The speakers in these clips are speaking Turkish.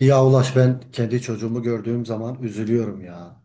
Ya Ulaş ben kendi çocuğumu gördüğüm zaman üzülüyorum ya.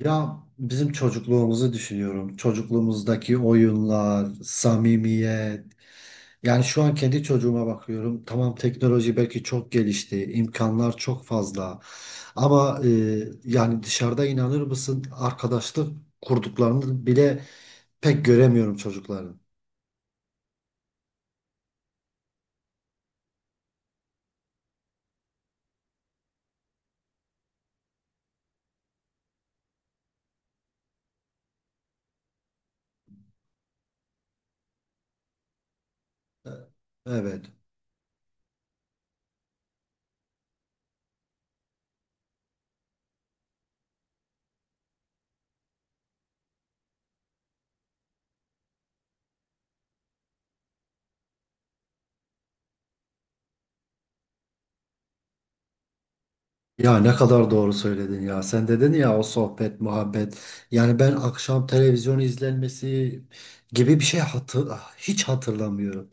Ya bizim çocukluğumuzu düşünüyorum. Çocukluğumuzdaki oyunlar, samimiyet. Yani şu an kendi çocuğuma bakıyorum. Tamam teknoloji belki çok gelişti, imkanlar çok fazla. Ama yani dışarıda inanır mısın arkadaşlık kurduklarını bile pek göremiyorum çocukların. E, Evet. Ya ne kadar doğru söyledin ya. Sen dedin ya o sohbet, muhabbet. Yani ben akşam televizyon izlenmesi gibi bir şey hiç hatırlamıyorum.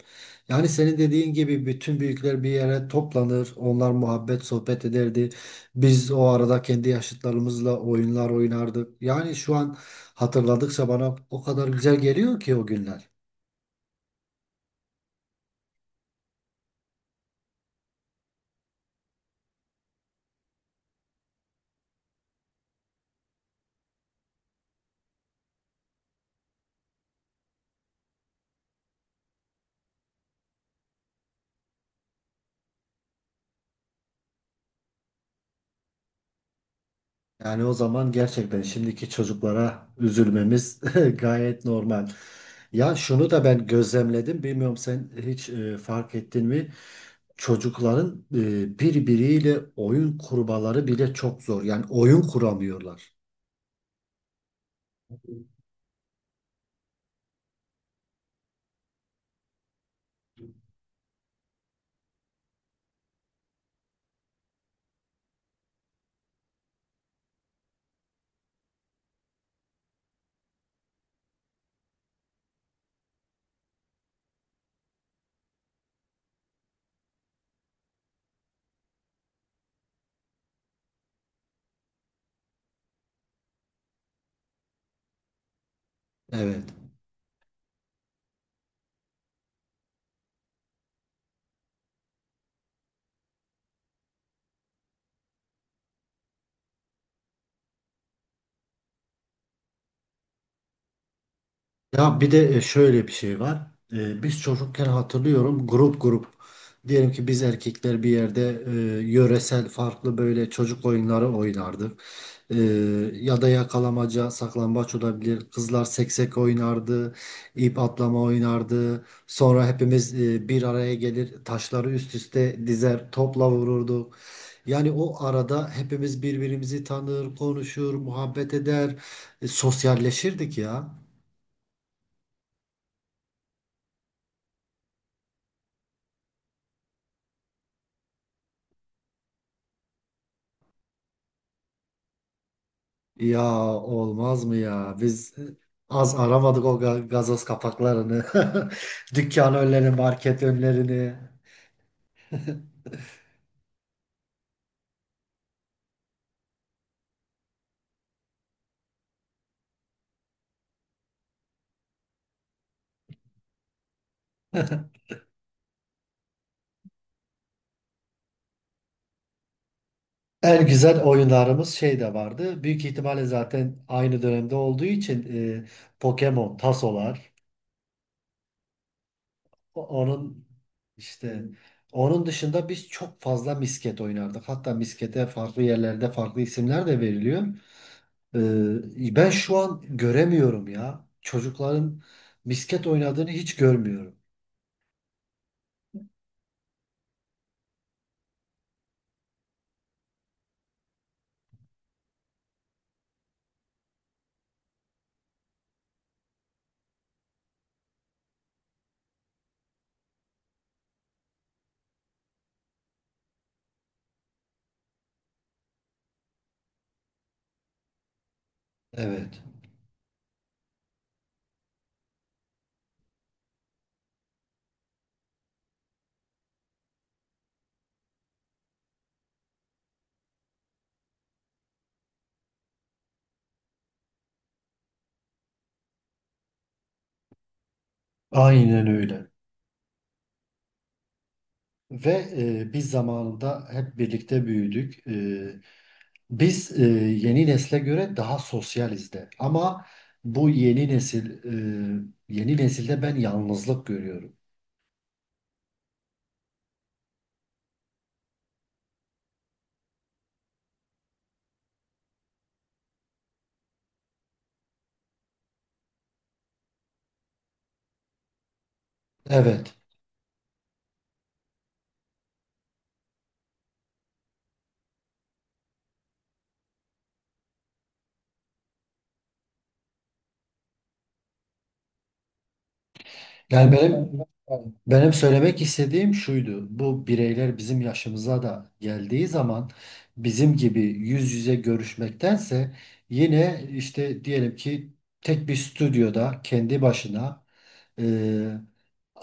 Yani senin dediğin gibi bütün büyükler bir yere toplanır. Onlar muhabbet, sohbet ederdi. Biz o arada kendi yaşıtlarımızla oyunlar oynardık. Yani şu an hatırladıkça bana o kadar güzel geliyor ki o günler. Yani o zaman gerçekten şimdiki çocuklara üzülmemiz gayet normal. Ya şunu da ben gözlemledim. Bilmiyorum sen hiç fark ettin mi? Çocukların birbiriyle oyun kurmaları bile çok zor. Yani oyun kuramıyorlar. Evet. Ya bir de şöyle bir şey var. Biz çocukken hatırlıyorum grup grup. Diyelim ki biz erkekler bir yerde yöresel farklı böyle çocuk oyunları oynardık. Ee, ya da yakalamaca, saklambaç olabilir. Kızlar seksek oynardı, ip atlama oynardı. Sonra hepimiz bir araya gelir, taşları üst üste dizer, topla vururduk. Yani o arada hepimiz birbirimizi tanır, konuşur, muhabbet eder, sosyalleşirdik ya. Ya olmaz mı ya? Biz az aramadık o gazoz kapaklarını. Dükkan önlerini, market önlerini. En güzel oyunlarımız şey de vardı. Büyük ihtimalle zaten aynı dönemde olduğu için e, Pokemon, tasolar. O- Onun işte onun dışında biz çok fazla misket oynardık. Hatta miskete farklı yerlerde farklı isimler de veriliyor. Ben şu an göremiyorum ya. Çocukların misket oynadığını hiç görmüyorum. Evet, aynen öyle. Ve biz zamanında hep birlikte büyüdük. Biz yeni nesle göre daha sosyaliz de. Ama bu e, yeni nesilde ben yalnızlık görüyorum. Evet. Yani benim söylemek istediğim şuydu. Bu bireyler bizim yaşımıza da geldiği zaman bizim gibi yüz yüze görüşmektense yine işte diyelim ki tek bir stüdyoda kendi başına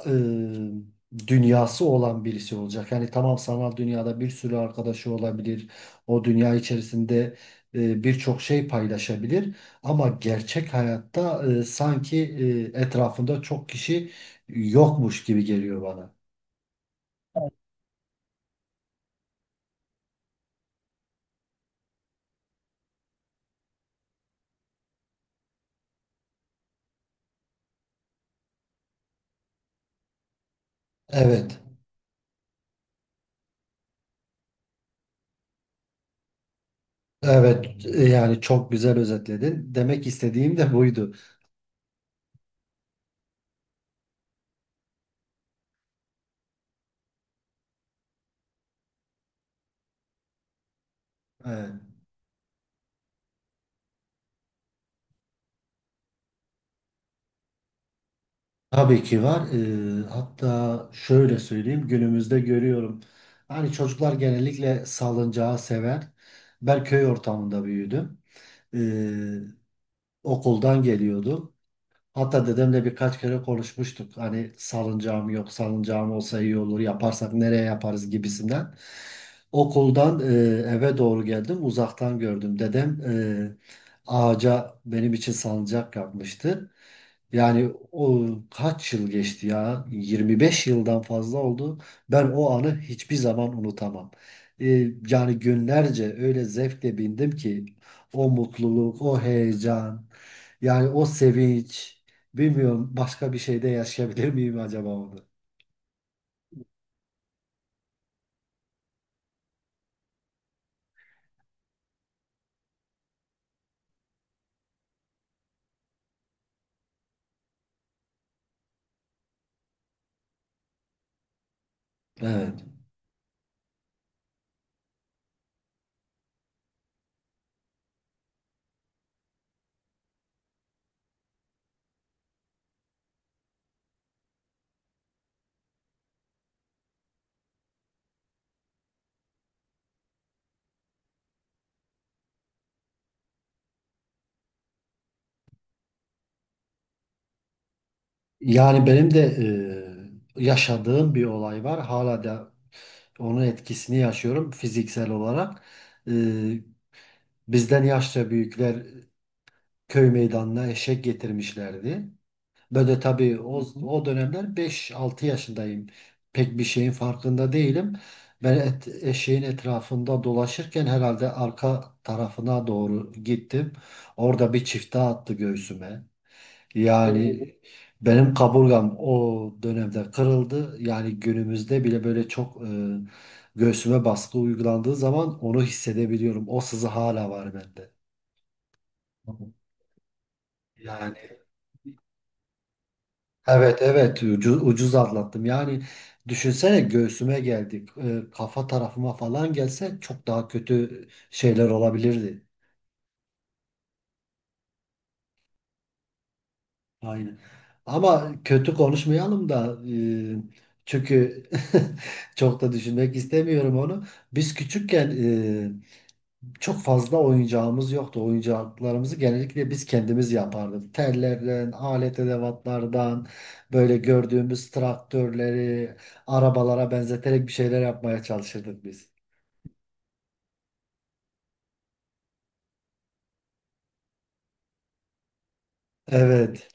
e, dünyası olan birisi olacak. Yani tamam sanal dünyada bir sürü arkadaşı olabilir. O dünya içerisinde birçok şey paylaşabilir. Ama gerçek hayatta sanki etrafında çok kişi yokmuş gibi geliyor bana. Evet. Evet. Yani çok güzel özetledin. Demek istediğim de buydu. Evet. Tabii ki var. Hatta şöyle söyleyeyim günümüzde görüyorum. Hani çocuklar genellikle salıncağı sever. Ben köy ortamında büyüdüm. Ee, okuldan geliyordum. Hatta dedemle birkaç kere konuşmuştuk. Hani salıncağım yok, salıncağım olsa iyi olur, yaparsak nereye yaparız gibisinden. Okuldan eve doğru geldim, uzaktan gördüm. Dedem ağaca benim için salıncak yapmıştı. Yani o kaç yıl geçti ya? 25 yıldan fazla oldu. Ben o anı hiçbir zaman unutamam. E, yani günlerce öyle zevkle bindim ki o mutluluk, o heyecan, yani o sevinç. Bilmiyorum başka bir şeyde yaşayabilir miyim acaba onu? Evet. Yani benim de yaşadığım bir olay var. Hala da onun etkisini yaşıyorum fiziksel olarak. E, bizden yaşça büyükler köy meydanına eşek getirmişlerdi. Böyle tabii o dönemler 5-6 yaşındayım. Pek bir şeyin farkında değilim. Ben eşeğin etrafında dolaşırken herhalde arka tarafına doğru gittim. Orada bir çifte attı göğsüme. Yani benim kaburgam o dönemde kırıldı. Yani günümüzde bile böyle çok göğsüme baskı uygulandığı zaman onu hissedebiliyorum. O sızı hala var bende. Yani evet, evet, ucuz atlattım. Yani düşünsene göğsüme geldik. Kafa tarafıma falan gelse çok daha kötü şeyler olabilirdi. Aynen. Ama kötü konuşmayalım da çünkü çok da düşünmek istemiyorum onu. Biz küçükken çok fazla oyuncağımız yoktu. Oyuncaklarımızı genellikle biz kendimiz yapardık. Tellerden, alet edevatlardan, böyle gördüğümüz traktörleri, arabalara benzeterek bir şeyler yapmaya çalışırdık biz. Evet.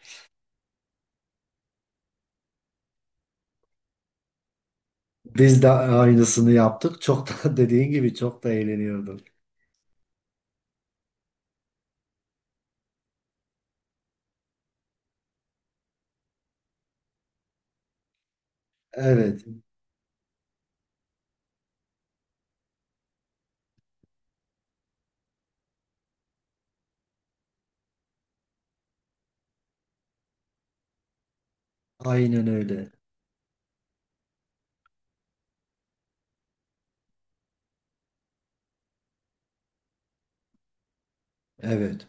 Biz de aynısını yaptık. Çok da dediğin gibi çok da eğleniyorduk. Evet. Aynen öyle. Evet.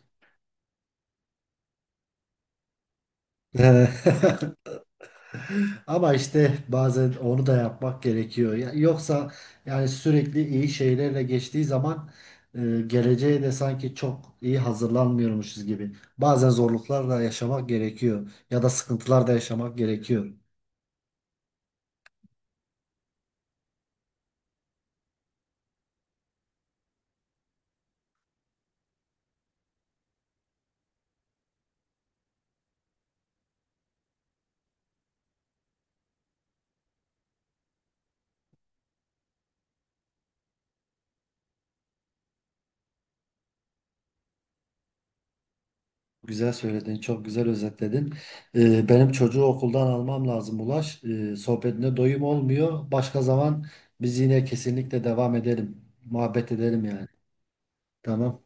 Ama işte bazen onu da yapmak gerekiyor. Ya- yoksa yani sürekli iyi şeylerle geçtiği zaman geleceğe de sanki çok iyi hazırlanmıyormuşuz gibi. Bazen zorluklar da yaşamak gerekiyor ya da sıkıntılar da yaşamak gerekiyor. Güzel söyledin, çok güzel özetledin. Benim çocuğu okuldan almam lazım Ulaş. Sohbetine doyum olmuyor. Başka zaman biz yine kesinlikle devam edelim. Muhabbet edelim yani. Tamam,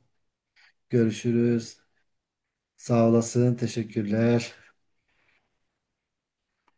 görüşürüz. Sağ olasın. Teşekkürler.